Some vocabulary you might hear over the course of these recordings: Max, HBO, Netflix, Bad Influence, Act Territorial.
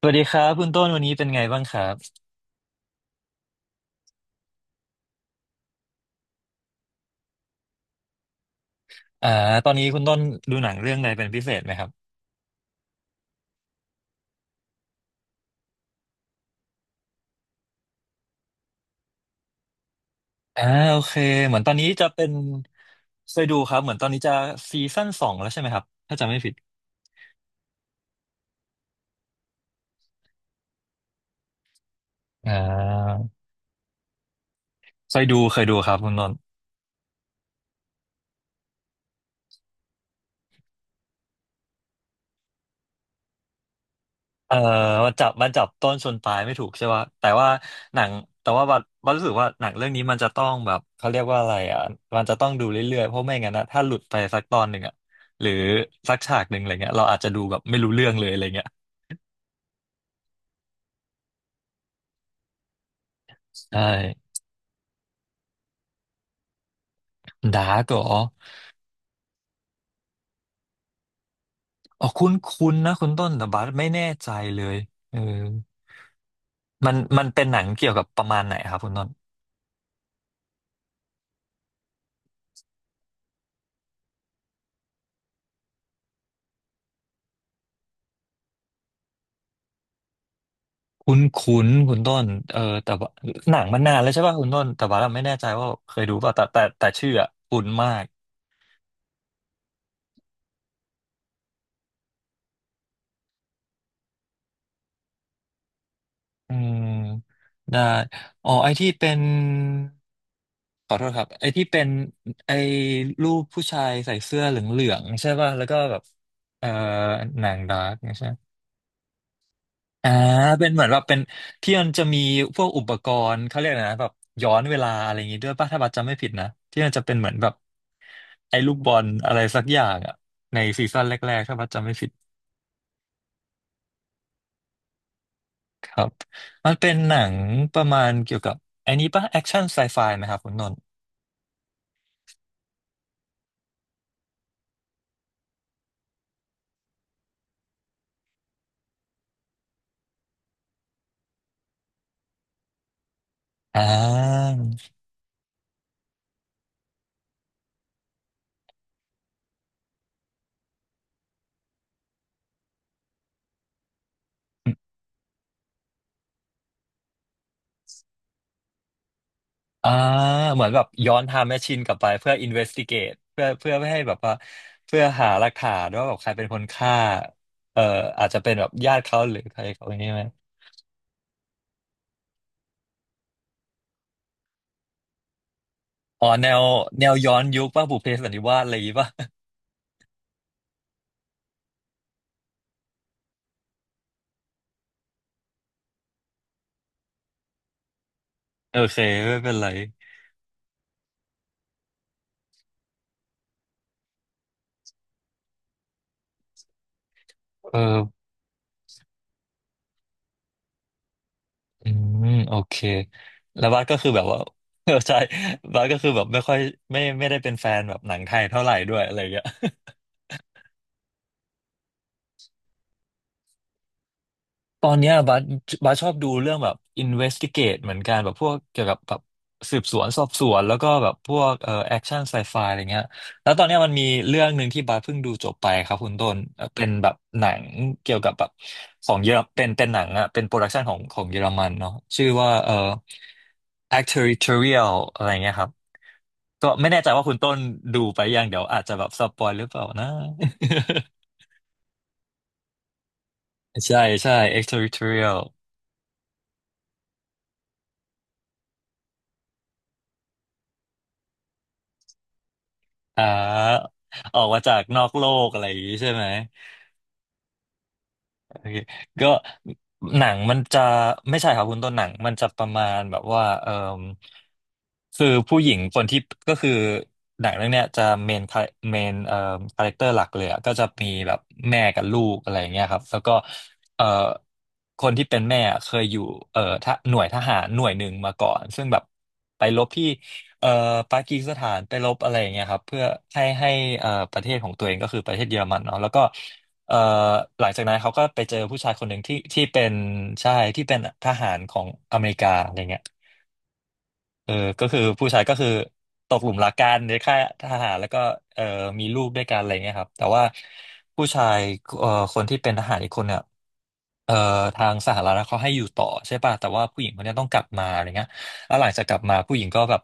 สวัสดีครับคุณต้นวันนี้เป็นไงบ้างครับอ่าตอนนี้คุณต้นดูหนังเรื่องอะไรเป็นพิเศษไหมครับอ่าโอเคเหมือนตอนนี้จะเป็นเคยดูครับเหมือนตอนนี้จะซีซั่นสองแล้วใช่ไหมครับถ้าจำไม่ผิดอ่าเคยดูเคยดูครับคุณต้นเอ่อมาจับต้นชนปลายไม่ถูกใช่ป่ะแต่ว่าหนังแต่ว่าบัดบัดรู้สึกว่าหนังเรื่องนี้มันจะต้องแบบเขาเรียกว่าอะไรอ่ะมันจะต้องดูเรื่อยๆเพราะไม่งั้นนะถ้าหลุดไปสักตอนหนึ่งอ่ะหรือสักฉากหนึ่งอะไรเงี้ยเราอาจจะดูแบบไม่รู้เรื่องเลยอะไรเงี้ยใช่ ดาร์กเหรออ๋อคุ้นคุ้นนะคุณต้นแต่บัสไม่แน่ใจเลยเออมันเป็นหนังเกี่ยวกับประมาณไหนครับคุณต้นคุ้นคุ้นคุณต้นเออแต่ว่าหนังมันนานแล้วใช่ป่ะคุณต้นแต่บาเราไม่แน่ใจว่าเคยดูป่ะแต่ชื่ออะคุ้นมากอืมได้อ๋อไอที่เป็นขอโทษครับไอที่เป็นไอรูปผู้ชายใส่เสื้อเหลืองๆใช่ป่ะแล้วก็แบบเอ่อหนังดาร์กใช่ อ่าเป็นเหมือนแบบเป็นที่มันจะมีพวกอุปกรณ์เขาเรียกอะไรนะแบบย้อนเวลาอะไรอย่างงี้ด้วยป่ะถ้าบัตจำไม่ผิดนะที่มันจะเป็นเหมือนแบบไอ้ลูกบอลอะไรสักอย่างอ่ะในซีซั่นแรกๆถ้าบัตจำไม่ผิดครับมันเป็นหนังประมาณเกี่ยวกับไอ้นี้ป่ะแอคชั่นไซไฟไหมครับคุณนนท์อ่าอ่าเหมือนแบบย้อนไทม์แมชชีนกลับไปเพื่ออินเวสติเกตเพื่อไม่ให้แบบว่าเพื่อหาหลักฐานว่าแบบใครเป็นคนฆ่าเอ่ออาจจะเป็นแบบญาติเขาหรือใครเขาอย่างนี้ไหม อ๋อแนวแนวย้อนยุคป่ะบุพเพสันนิวาสอะไรอย่างงี้ป่ะ โอเคไม่เป็นไรเอออืโอเคแล้วบาสก็คือแบบว่า เออใช่บาสก็คือแบบไม่ค่อยไม่ได้เป็นแฟนแบบหนังไทยเท่าไหร่ด้วยอะไรอย่างเงี้ย ตอนเนี้ยบาสบัสชอบดูเรื่องแบบ investigate เหมือนกันแบบพวกเกี่ยวกับแบบสืบสวนสอบสวนแล้วก็แบบพวกแอคชั่นไซไฟอะไรเงี้ยแล้วตอนเนี้ยมันมีเรื่องหนึ่งที่บาสเพิ่งดูจบไปครับคุณต้นเป็นแบบหนังเกี่ยวกับแบบของเยอรเป็นเป็นหนังอะเป็นโปรดักชันของเยอรมันเนาะชื่อว่าAct Territorial อะไรเงี้ยครับก็ไม่แน่ใจว่าคุณต้นดูไปยังเดี๋ยวอาจจะแบบสปอยหรือเปล่านะ ใช่ใช่ Act Territorial อ่าออกมาจากนอกโลกอะไรอย่างนี้ใช่ไหม โอเคก็หนังมันจะไม่ใช่ครับคุณต้นหนังมันจะประมาณแบบว่าเออคือผู้หญิงคนที่ก็คือหนังเรื่องเนี้ยจะเมนเมนคาแรคเตอร์หลักเลยอะก็จะมีแบบแม่กับลูกอะไรอย่างเงี้ยครับแล้วก็เอ่อคนที่เป็นแม่อะเคยอยู่ทหหน่วยทหารหน่วยหนึ่งมาก่อนซึ่งแบบไปรบที่เอ่อปากีสถานไปรบอะไรอย่างเงี้ยครับเพื่อให้ให้ประเทศของตัวเองก็คือประเทศเยอรมันเนาะแล้วก็ เอ่อหลังจากนั้นเขาก็ไปเจอผู้ชายคนหนึ่งที่เป็นใช่ที่เป็นทหารของอเมริกาอะไรเงี้ย เออก็คือผู้ชายก็คือตกหลุมรักกันในค่ายทหารแล้วก็เออมีลูกด้วยกันอะไรเงี้ยครับแต่ว่าผู้ชายเอ่อคนที่เป็นทหารอีกคนเนี่ยเอ่อทางสหรัฐเขาให้อยู่ต่อใช่ป่ะแต่ว่าผู้หญิงคนเนี้ยต้องกลับมาอะไรเงี้ยแล้วหลังจากกลับมาผู้หญิงก็แบบ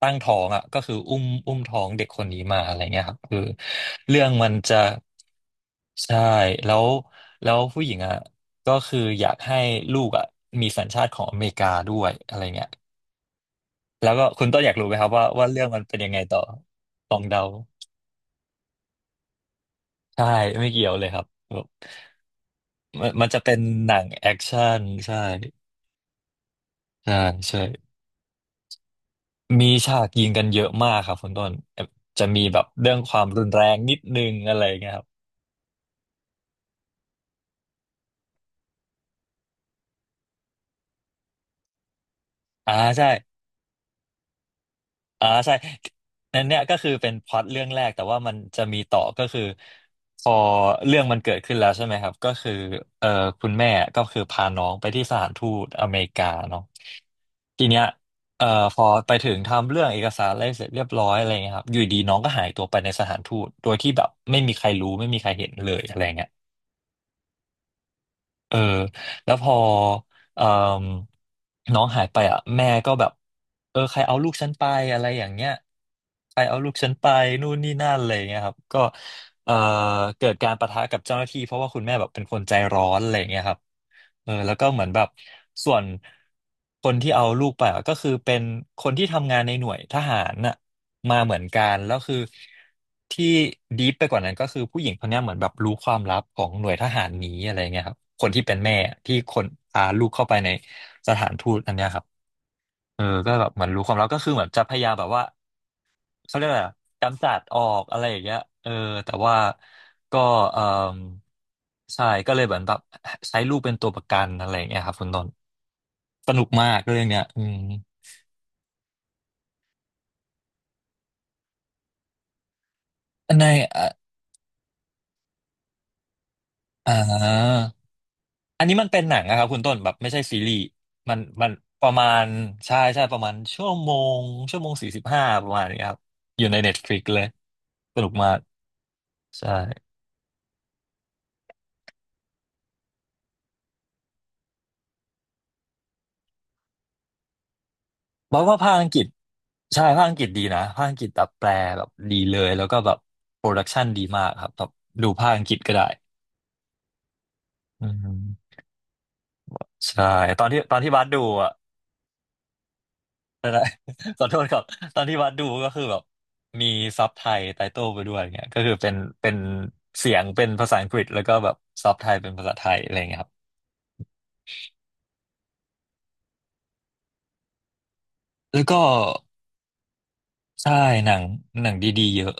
ตั้งท้องอ่ะก็คืออุ้มท้องเด็กคนนี้มาอะไรเงี้ยครับคือเรื่องมันจะใช่แล้วแล้วผู้หญิงอ่ะก็คืออยากให้ลูกอ่ะมีสัญชาติของอเมริกาด้วยอะไรเงี้ย แล้วก็คุณต้นอยากรู้ไหมครับว่าว่าเรื่องมันเป็นยังไงต่อลองเดาใช่ไม่เกี่ยวเลยครับแบบมันจะเป็นหนังแอคชั่นใช่ใช่ใช่มีฉากยิงกันเยอะมากครับคุณต้นจะมีแบบเรื่องความรุนแรงนิดนึงอะไรอย่างเงี้ยครับอ่าใช่ อ่าใช่นั่นเนี่ยก็คือเป็นพล็อตเรื่องแรกแต่ว่ามันจะมีต่อก็คือพอเรื่องมันเกิดขึ้นแล้วใช่ไหมครับก็คือเอ่อคุณแม่ก็คือพาน้องไปที่สถานทูตอเมริกาเนาะทีเนี้ยเอ่อพอไปถึงทำเรื่องเอกสารอะไรเสร็จเรียบร้อยอะไรเงี้ยครับอยู่ดีน้องก็หายตัวไปในสถานทูตโดยที่แบบไม่มีใครรู้ไม่มีใครเห็นเลยอะไรเงี้ย เออแล้วพอเอ่มน้องหายไปอ่ะแม่ก็แบบเออใครเอาลูกฉันไปอะไรอย่างเงี้ยใครเอาลูกฉันไปนู่นนี่นั่นอะไรอย่างเงี้ยครับก็ เอ่อเกิดการปะทะกับเจ้าหน้าที่เพราะว่าคุณแม่แบบเป็นคนใจร้อนอะไรอย่างเงี้ยครับเออแล้วก็เหมือนแบบส่วนคนที่เอาลูกไปอะก็คือเป็นคนที่ทำงานในหน่วยทหารน่ะมาเหมือนกันแล้วคือที่ดีฟไปกว่านั้นก็คือผู้หญิงคนเนี้ยเหมือนแบบรู้ความลับของหน่วยทหารนี้อะไรเงี้ยครับคนที่เป็นแม่ที่คนพาลูกเข้าไปในสถานทูตอันเนี้ยครับเออก็แบบเหมือนรู้ความลับก็คือเหมือนจะพยายามแบบว่า เขาเรียกอะไรอะกำจัดออกอะไรอย่างเงี้ยเออแต่ว่าก็เออใช่ก็เลยเหมือนแบบใช้ลูกเป็นตัวประกันอะไรอย่างเงี้ยครับคุณต้นสนุกมากเรื่องเนี้ยอืมในอ่าอ่าอันนี้มันเป็นหนังนะครับคุณต้นแบบไม่ใช่ซีรีส์มันประมาณใช่ใช่ประมาณงชั่วโมง45ประมาณนี้ครับอยู่ในเน็ตฟลิกเลยสนุกมากใช่ บอกว่าภาคอังกฤษใช่ภาคอังกฤษดีนะภาคอังกฤษแบบแปลแบบดีเลยแล้วก็แบบโปรดักชันดีมากครับแบบดูภาคอังกฤษก็ได้อืมใช่ตอนที่บัสดูอ่ะ อะไร ขอโทษครับตอนที่บัสดูก็คือแบบมีซับไทยไตเติลไปด้วยเงี้ยก็คือเป็นเสียงเป็นภาษาอังกฤษแล้วก็แบบซับไทยเป็นภาษาไทยอะไรเงี้ยครับแล้วก็ใช่หนังหนังดีๆเยอะ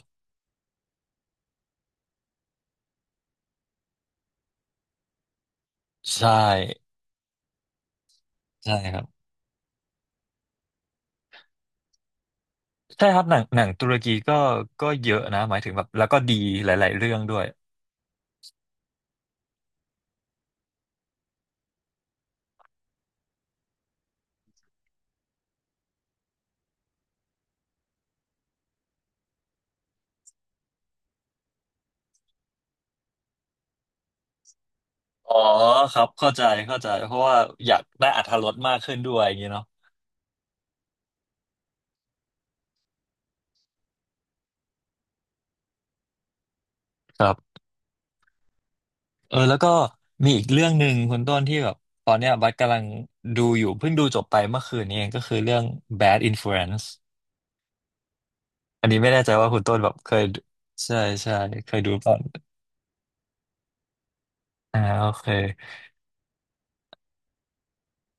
ใช่ใช่ครับ ใช่ครับหนังตุรกีก็เยอะนะหมายถึงแบบแล้วก็ดีหลายๆเรื่องด้วยอ๋อครับเข้าใจเพราะว่าอยากได้อรรถรสมากขึ้นด้วยอย่างเงี้ยเนาะครับเออแล้วก็มีอีกเรื่องหนึ่งคุณต้นที่แบบตอนเนี้ยบัสกำลังดูอยู่เพิ่งดูจบไปเมื่อคืนนี้เองก็คือเรื่อง Bad Influence อันนี้ไม่แน่ใจว่าคุณต้นแบบเคยดูใช่ใช่เคยดูก่อนอ่าโอเค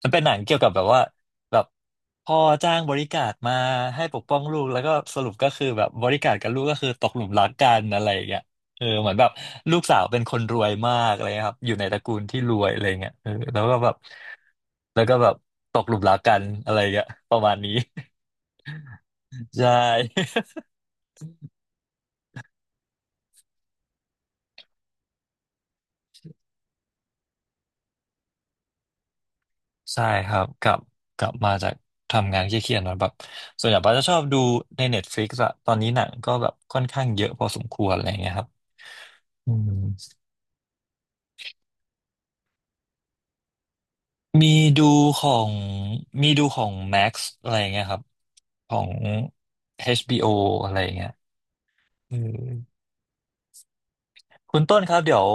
มันเป็นหนังเกี่ยวกับแบบว่าแบบพ่อจ้างบริการมาให้ปกป้องลูกแล้วก็สรุปก็คือแบบบริการกับลูกก็คือตกหลุมรักกันอะไรอย่างเงี้ยเออเหมือนแบบลูกสาวเป็นคนรวยมากอะไรเงี้ยครับอยู่ในตระกูลที่รวยอะไรเงี้ยเออแล้วก็แบบแล้วก็แบบตกหลุมรักกันอะไรเงี้ยประมาณนี้ ใช่ใช่ครับกลับมาจากทำงานเครียดๆนะแบบส่วนใหญ่ป้าจะชอบดูใน Netflix อะตอนนี้หนังก็แบบค่อนข้างเยอะพอสมควรอะไรอย่างเงี้ยครับอืม มีดูของมีดูของ Max อะไรอย่างเงี้ยครับของ HBO อชบีโออะไรอย่างเงี้ยเออคุณต้นครับเดี๋ยว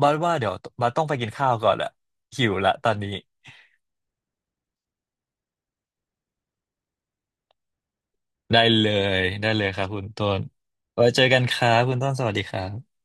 บัสว่าเดี๋ยวบัสต้องไปกินข้าวก่อนอะหิวละตอนนี้ได้เลได้เลยครับคุณต้นไว้เจอกันครับคุณต้นสวัสดีครับ